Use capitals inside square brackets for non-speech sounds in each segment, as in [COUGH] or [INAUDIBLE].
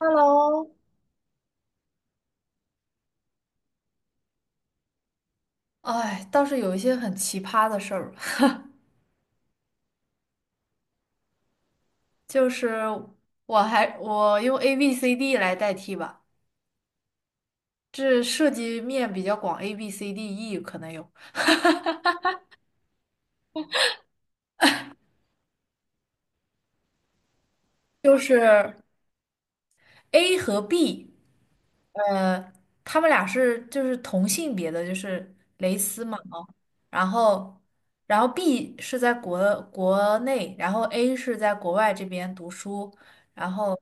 Hello,哎，倒是有一些很奇葩的事儿，[LAUGHS] 就是我用 A B C D 来代替吧，这涉及面比较广，A B C D E 可能有，就是 A 和 B，呃，他们俩是就是同性别的，就是蕾丝嘛，哦，然后然后 B 是在国内，然后 A 是在国外这边读书，然后。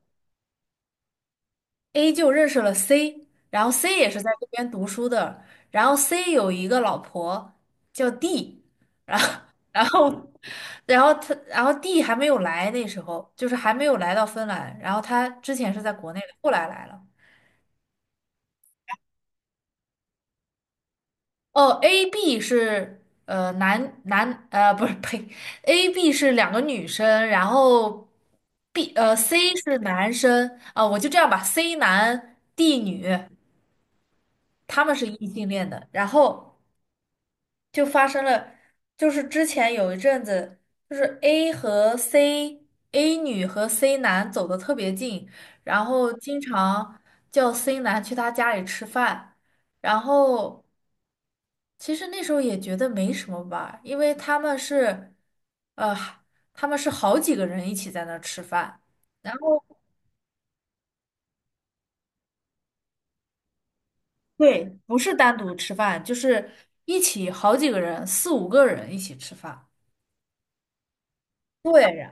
A 就认识了 C，然后 C 也是在这边读书的，然后 C 有一个老婆叫 D，然后 [LAUGHS] 然后然后他然后 D 还没有来，那时候就是还没有来到芬兰，然后他之前是在国内的，后来来了。哦，A B 是呃男男呃不是呸，A B 是两个女生，然后 C 是男生啊，我就这样吧，C 男 D 女，他们是异性恋的，然后。就发生了，就是之前有一阵子，就是 A 和 C，A 女和 C 男走得特别近，然后经常叫 C 男去他家里吃饭，然后其实那时候也觉得没什么吧，因为他们是，呃，他们是好几个人一起在那儿吃饭，然后对，不是单独吃饭，就是一起好几个人，四五个人一起吃饭。对，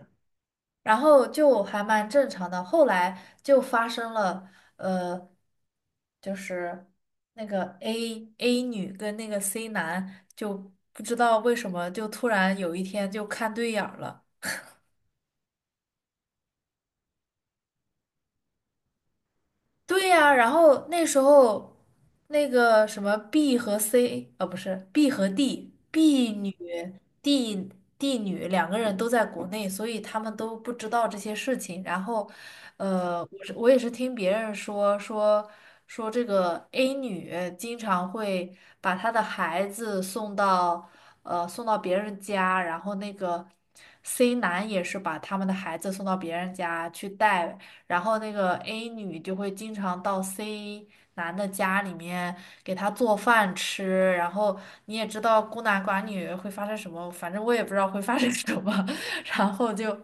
然后就还蛮正常的。后来就发生了，呃，就是那个 A 女跟那个 C 男就不知道为什么就突然有一天就看对眼儿了。对呀，然后那时候那个什么 B 和 C，呃，不是 B 和 D，B 女、D D 女两个人都在国内，所以他们都不知道这些事情。然后，我也是听别人说这个 A 女经常会把她的孩子送到送到别人家，然后那个 C 男也是把他们的孩子送到别人家去带，然后那个 A 女就会经常到 C 男的家里面给他做饭吃，然后你也知道孤男寡女会发生什么，反正我也不知道会发生什么，[LAUGHS] 然后就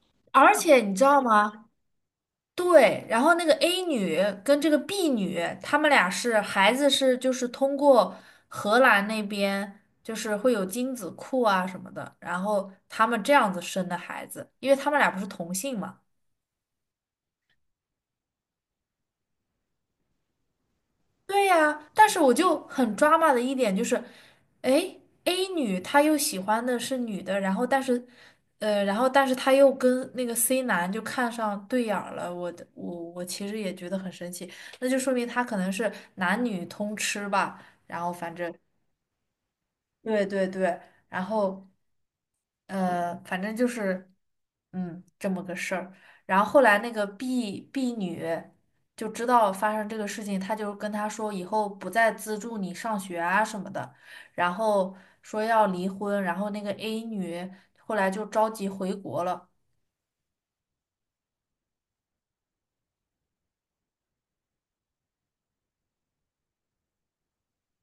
[LAUGHS]，而且你知道吗？对，然后那个 A 女跟这个 B 女，她们俩是孩子是就是通过荷兰那边。就是会有精子库啊什么的，然后他们这样子生的孩子，因为他们俩不是同性嘛。对呀，但是我就很 drama 的一点就是，哎，A 女她又喜欢的是女的，然后但是，然后但是她又跟那个 C 男就看上对眼儿了，我的我我其实也觉得很生气，那就说明他可能是男女通吃吧，然后反正对对对，然后。反正就是，嗯，这么个事儿。然后后来那个 B 女就知道发生这个事情，她就跟他说以后不再资助你上学啊什么的，然后说要离婚。然后那个 A 女后来就着急回国了。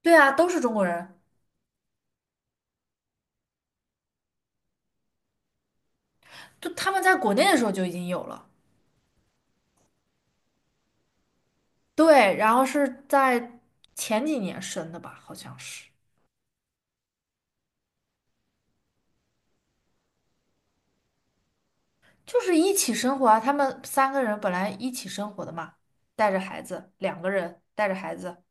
对啊，都是中国人，就他们在国内的时候就已经有了。对，然后是在前几年生的吧，好像是。就是一起生活啊，他们三个人本来一起生活的嘛，带着孩子，两个人带着孩子，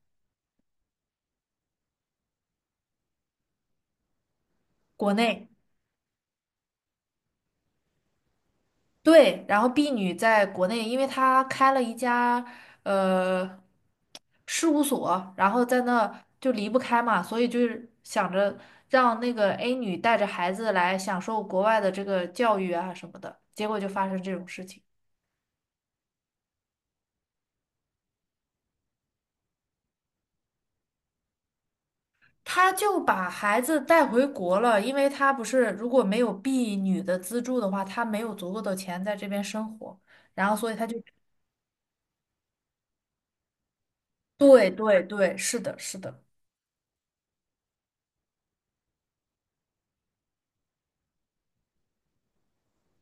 国内，对，然后 B 女在国内，因为她开了一家呃事务所，然后在那就离不开嘛，所以就是想着让那个 A 女带着孩子来享受国外的这个教育啊什么的，结果就发生这种事情。他就把孩子带回国了，因为他不是如果没有婢女的资助的话，他没有足够的钱在这边生活，然后所以他就，对对对，是的，是的，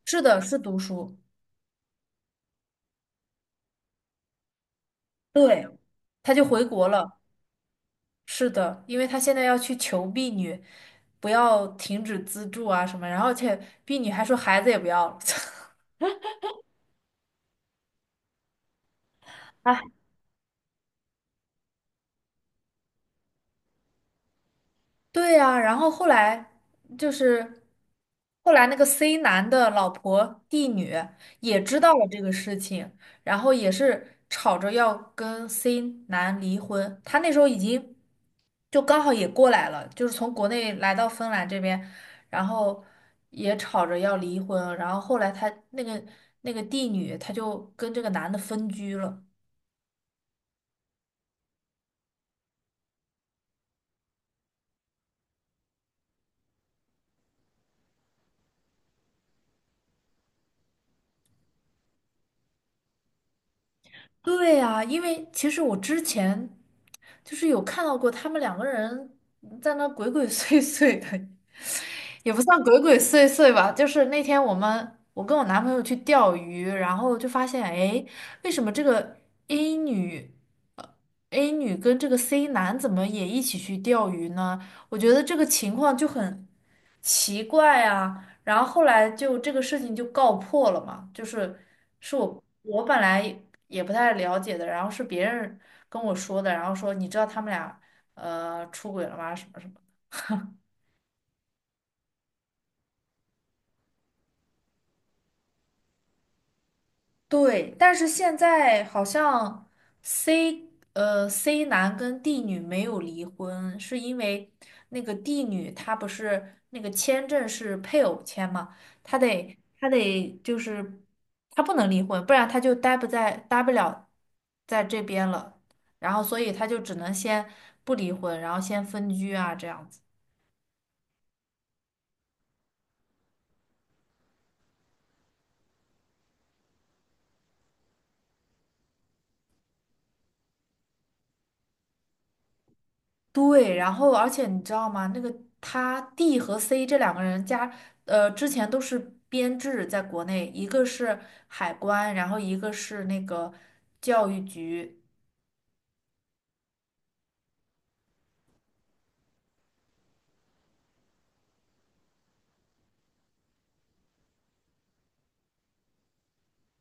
是的，是读书，对，他就回国了，是的，因为他现在要去求婢女，不要停止资助啊什么，然后而且婢女还说孩子也不要了，[LAUGHS] 对呀，然后后来就是后来那个 C 男的老婆 D 女也知道了这个事情，然后也是吵着要跟 C 男离婚。他那时候已经就刚好也过来了，就是从国内来到芬兰这边，然后也吵着要离婚。然后后来他那个那个 D 女，她就跟这个男的分居了。对呀，因为其实我之前就是有看到过他们两个人在那鬼鬼祟祟的，也不算鬼鬼祟祟吧，就是那天我们我跟我男朋友去钓鱼，然后就发现，哎，为什么这个 A 女，呃，A 女跟这个 C 男怎么也一起去钓鱼呢？我觉得这个情况就很奇怪啊。然后后来就这个事情就告破了嘛，就是是我本来也不太了解的，然后是别人跟我说的，然后说你知道他们俩出轨了吗？什么什么。对，但是现在好像 C 男跟 D 女没有离婚，是因为那个 D 女她不是那个签证是配偶签嘛，她得就是她不能离婚，不然她就待不了在这边了，然后所以她就只能先不离婚，然后先分居啊这样子。对，然后而且你知道吗？那个他 D 和 C 这两个人加，之前都是编制，在国内，一个是海关，然后一个是那个教育局。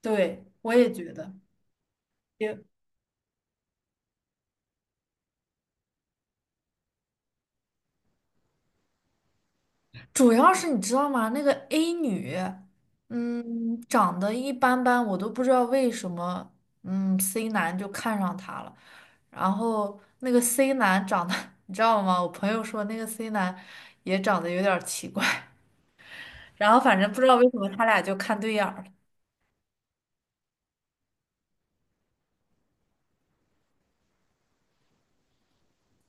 对，我也觉得，也主要是你知道吗？那个 A 女，嗯，长得一般般，我都不知道为什么，嗯，C 男就看上她了。然后那个 C 男长得，[LAUGHS] 你知道吗？我朋友说那个 C 男也长得有点儿奇怪。然后反正不知道为什么他俩就看对眼儿了。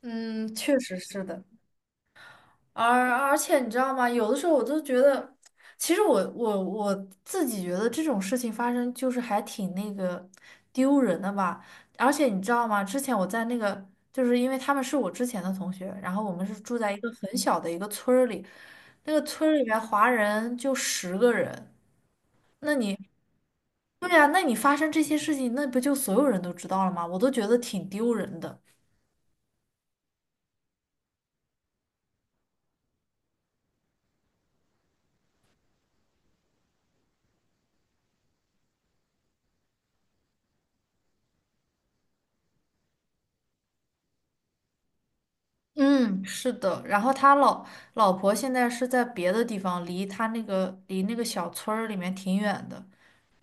嗯，确实是的。而且你知道吗？有的时候我都觉得，其实我自己觉得这种事情发生就是还挺那个丢人的吧。而且你知道吗？之前我在那个，就是因为他们是我之前的同学，然后我们是住在一个很小的一个村儿里，那个村儿里面华人就十个人。那你，对呀，那你发生这些事情，那不就所有人都知道了吗？我都觉得挺丢人的。嗯，是的。然后他老婆现在是在别的地方，离他那个离那个小村儿里面挺远的。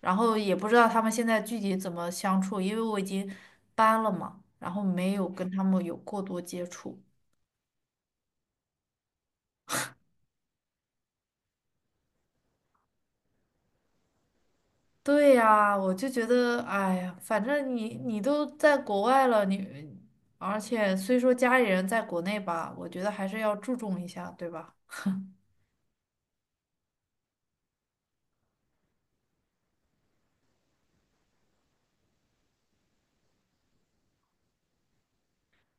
然后也不知道他们现在具体怎么相处，因为我已经搬了嘛，然后没有跟他们有过多接触。对呀，我就觉得，哎呀，反正你都在国外了，你而且虽说家里人在国内吧，我觉得还是要注重一下，对吧？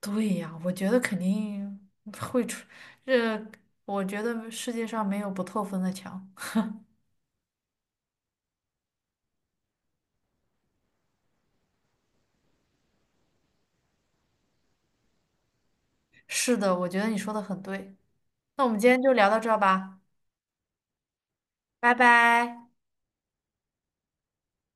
对呀，我觉得肯定会出，这我觉得世界上没有不透风的墙。是的，我觉得你说的很对。那我们今天就聊到这儿吧，拜拜。